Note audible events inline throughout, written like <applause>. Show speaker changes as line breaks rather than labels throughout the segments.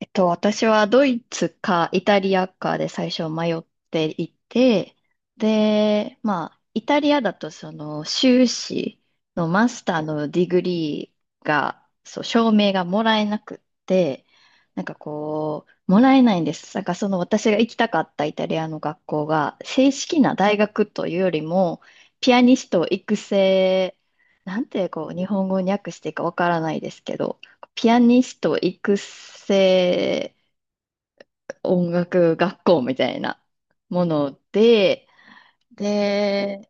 私はドイツかイタリアかで最初迷っていて、で、まあ、イタリアだとその修士のマスターのディグリーが、そう、証明がもらえなくって、なんかこう、もらえないんです。なんかその私が行きたかったイタリアの学校が、正式な大学というよりも、ピアニスト育成、なんてこう、日本語に訳していいかわからないですけど、ピアニスト育成音楽学校みたいなもので、で、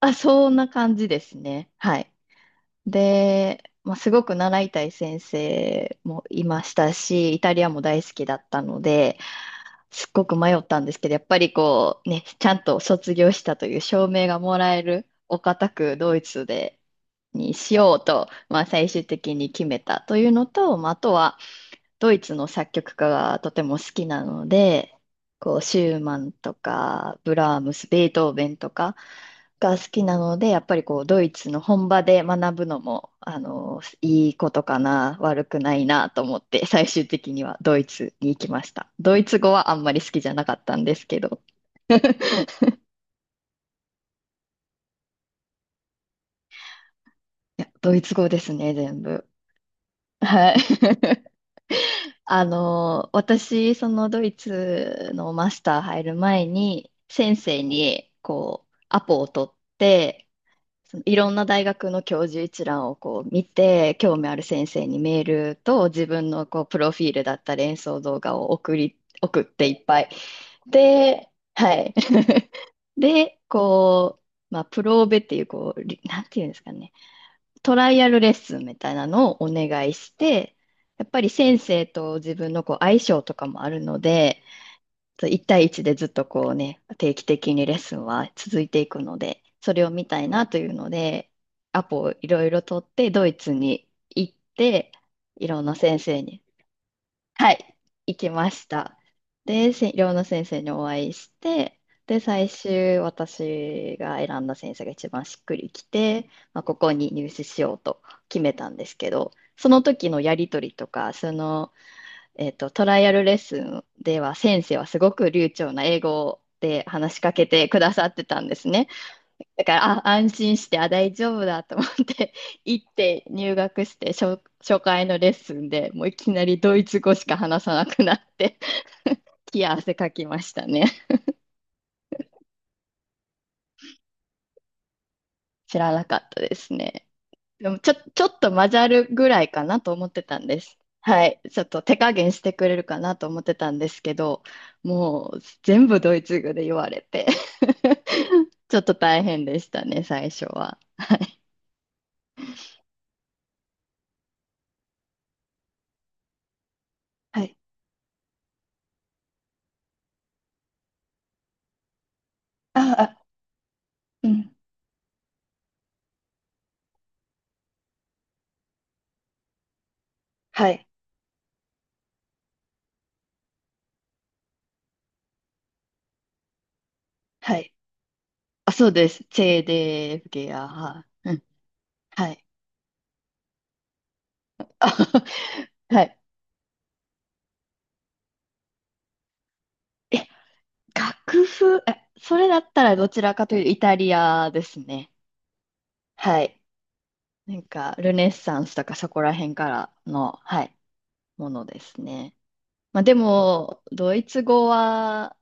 あ、そんな感じですね。はい。で、まあ、すごく習いたい先生もいましたし、イタリアも大好きだったので、すっごく迷ったんですけど、やっぱりこうね、ちゃんと卒業したという証明がもらえるお堅くドイツでにしようと、まあ、最終的に決めたというのと、まあ、あとは、ドイツの作曲家がとても好きなので、こう、シューマンとか、ブラームス、ベートーベンとかが好きなので、やっぱりこう、ドイツの本場で学ぶのも、あの、いいことかな、悪くないなと思って、最終的にはドイツに行きました。ドイツ語はあんまり好きじゃなかったんですけど、いや、ドイツ語ですね、全部。はい。あの、私、そのドイツのマスター入る前に、先生に、こう、アポを取って、そのいろんな大学の教授一覧をこう見て、興味ある先生にメールと自分のこうプロフィールだったり演奏動画を送っていっぱい。で、はい。<laughs> で、こう、まあ、プローベっていう、こう、なんていうんですかね。トライアルレッスンみたいなのをお願いして、やっぱり先生と自分のこう相性とかもあるので、1対1でずっとこうね、定期的にレッスンは続いていくので、それを見たいなというので、アポをいろいろ取って、ドイツに行って、いろんな先生にはい、行きました。で、寮の先生にお会いして、で、最終私が選んだ先生が一番しっくりきて、まあ、ここに入試しようと決めたんですけど、その時のやり取りとか、その、トライアルレッスンでは先生はすごく流暢な英語で話しかけてくださってたんですね。だから、あ、安心して、あ、大丈夫だと思って、<laughs> 行って入学して、初回のレッスンでもういきなりドイツ語しか話さなくなって、<laughs> 冷や汗かきましたね。知らなかったですね。でも、ちょっと混ざるぐらいかなと思ってたんです。はい。ちょっと手加減してくれるかなと思ってたんですけど、もう全部ドイツ語で言われて <laughs> ちょっと大変でしたね、最初は。はい。ああ、うん。はい。はい。あ、そうです。チェーデーフゲア。はい。うん。はい。あ <laughs> はい。え、楽譜、え、それだったらどちらかというとイタリアですね。はい。なんか、ルネッサンスとかそこら辺からのはい、ものですね。まあでも、ドイツ語は、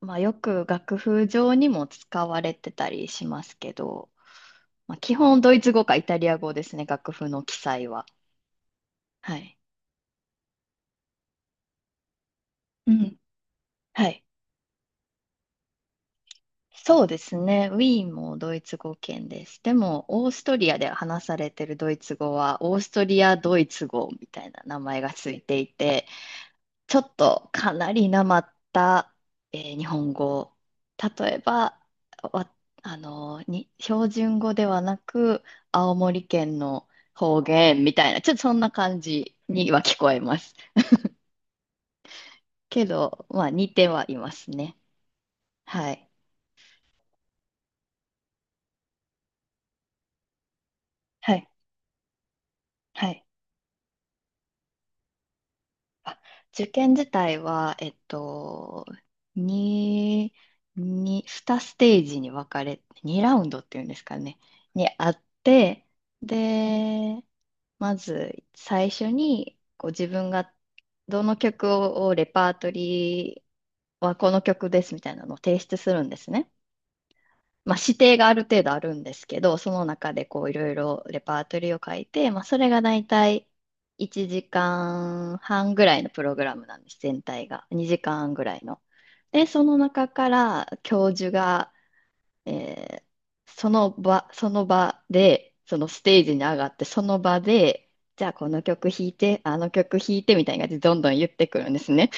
まあよく楽譜上にも使われてたりしますけど、まあ基本ドイツ語かイタリア語ですね、楽譜の記載は。はい。うん。はい、そうですね。ウィーンもドイツ語圏です。でも、オーストリアで話されてるドイツ語は、オーストリア・ドイツ語みたいな名前がついていて、ちょっとかなりなまった、日本語。例えば、わ、あの、標準語ではなく、青森県の方言みたいな、ちょっとそんな感じには聞こえます。けど、まあ、似てはいますね。はい。はい。はい。あ受験自体は、2、に2ステージに分かれ、2ラウンドっていうんですかね、にあって、で、まず最初にこう自分がどの曲をレパートリーはこの曲ですみたいなのを提出するんですね。まあ、指定がある程度あるんですけど、その中でこういろいろレパートリーを書いて、まあ、それがだいたい1時間半ぐらいのプログラムなんです、全体が。2時間ぐらいの。で、その中から教授が、えーその場で、そのステージに上がって、その場で、じゃあこの曲弾いて、あの曲弾いてみたいな感じでどんどん言ってくるんですね。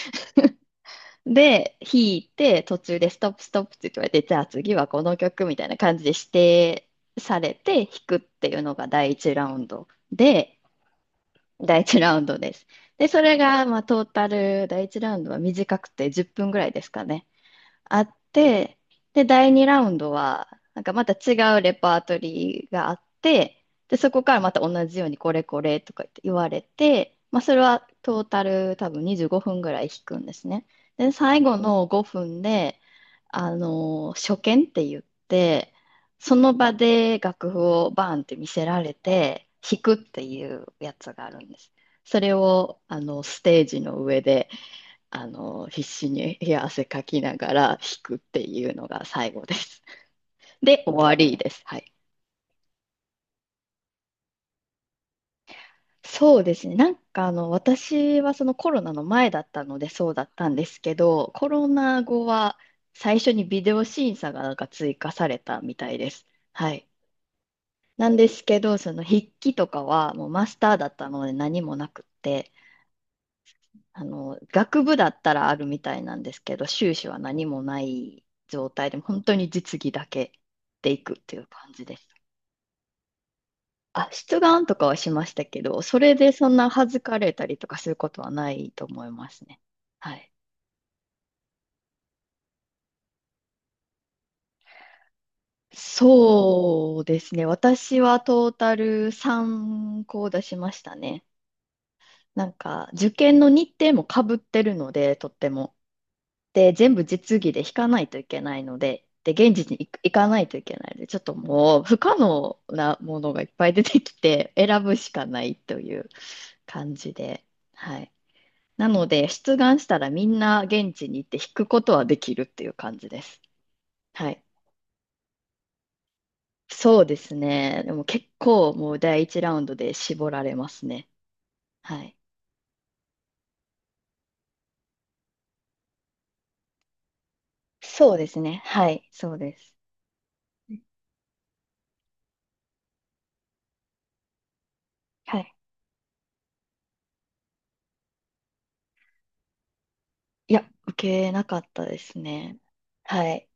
で、弾いて、途中でストップストップって言われて、じゃあ次はこの曲みたいな感じで指定されて弾くっていうのが第一ラウンドで、第一ラウンドです。で、それが、まあ、トータル、第一ラウンドは短くて10分ぐらいですかね。あって、で、第2ラウンドは、なんかまた違うレパートリーがあって、で、そこからまた同じようにこれこれとか言われて、まあ、それはトータル多分25分ぐらい弾くんですね。で、最後の5分で、あの、初見って言って、その場で楽譜をバーンって見せられて、弾くっていうやつがあるんです。それを、あの、ステージの上で、あの、必死に冷や汗かきながら弾くっていうのが最後です。<laughs> で、終わりです。はい。そうですね。なんかあの、私はそのコロナの前だったのでそうだったんですけど、コロナ後は最初にビデオ審査がなんか追加されたみたいです。はい。なんですけど、その筆記とかはもうマスターだったので何もなくって、あの、学部だったらあるみたいなんですけど、修士は何もない状態で、本当に実技だけでいくっていう感じです。あ、出願とかはしましたけど、それでそんな恥ずかれたりとかすることはないと思いますね。はい。そうですね。私はトータル3校出しましたね。なんか、受験の日程もかぶってるので、とっても。で、全部実技で弾かないといけないので、で、現地に行かないといけないので、ちょっともう不可能なものがいっぱい出てきて、選ぶしかないという感じで、はい。なので、出願したらみんな現地に行って弾くことはできるっていう感じです。はい。そうですね。でも結構もう第一ラウンドで絞られますね。はい。そうですね。はい。そうです。はい。いや、受けなかったですね。はい。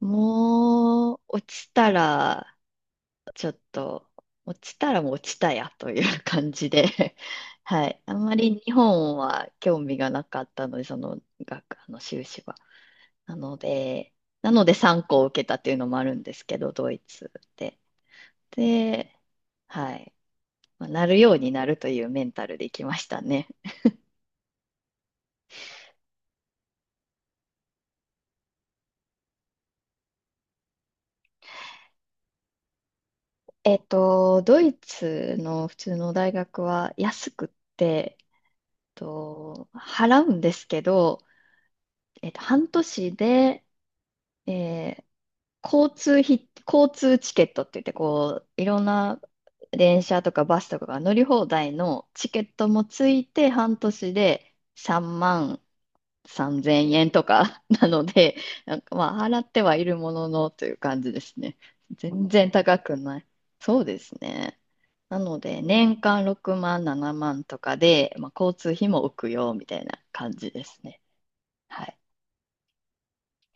もう、ちょっと、落ちたらもう落ちたやという感じで、<laughs> はい。あんまり日本は興味がなかったので、その学、あの修士は。なので、なので、3校受けたっていうのもあるんですけど、ドイツで。で、はい。まあなるようになるというメンタルで行きましたね。ドイツの普通の大学は安くって、払うんですけど、半年で、えー交通チケットって言って、こう、いろんな電車とかバスとかが乗り放題のチケットもついて、半年で3万3000円とか <laughs> なので、なんかまあ、払ってはいるもののという感じですね。全然高くない。そうですね。なので、年間6万、7万とかで、まあ、交通費も浮くよ、みたいな感じですね。はい、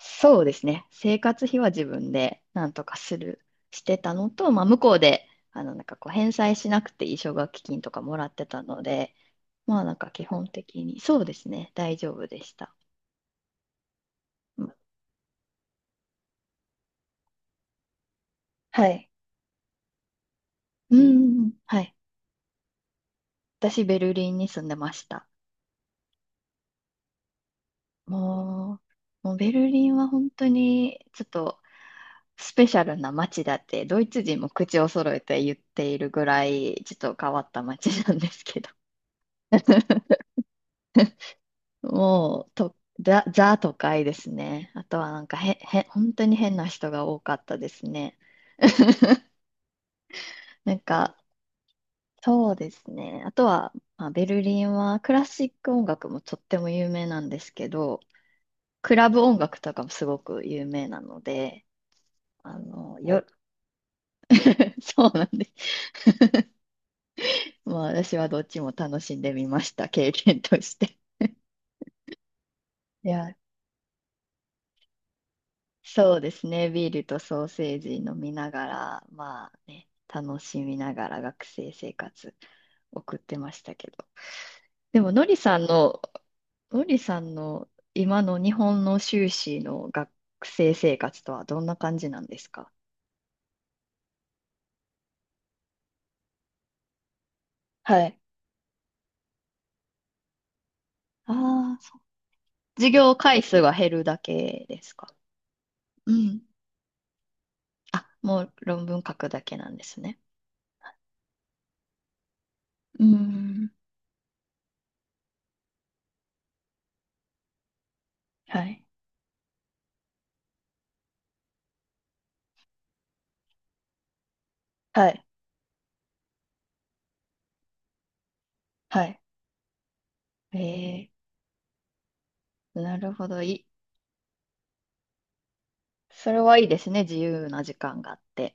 そうですね。生活費は自分でなんとかする、してたのと、まあ、向こうで、あの、なんかこう、返済しなくていい奨学金とかもらってたので、まあ、なんか基本的に、そうですね。大丈夫でした。うん、はい。うん、はい。私、ベルリンに住んでました。ももうベルリンは本当に、ちょっと、スペシャルな街だって、ドイツ人も口を揃えて言っているぐらい、ちょっと変わった街なんですけど。<laughs> もう、ザ都会ですね。あとはなんかへん、へん、本当に変な人が多かったですね。<laughs> なんか、そうですね。あとは、まあ、ベルリンはクラシック音楽もとっても有名なんですけど、クラブ音楽とかもすごく有名なので、あの、<laughs> そうなんです。まあ、私はどっちも楽しんでみました、経験として。いや、そうですね。ビールとソーセージ飲みながら、まあね、楽しみながら学生生活送ってましたけど。でも、のりさんの今の日本の修士の学生生活とはどんな感じなんですか？はい。ああ、授業回数が減るだけですか？うん。あ、もう論文書くだけなんですね。うん。はい。はい。はい。えなるほど。それはいいですね。自由な時間があって。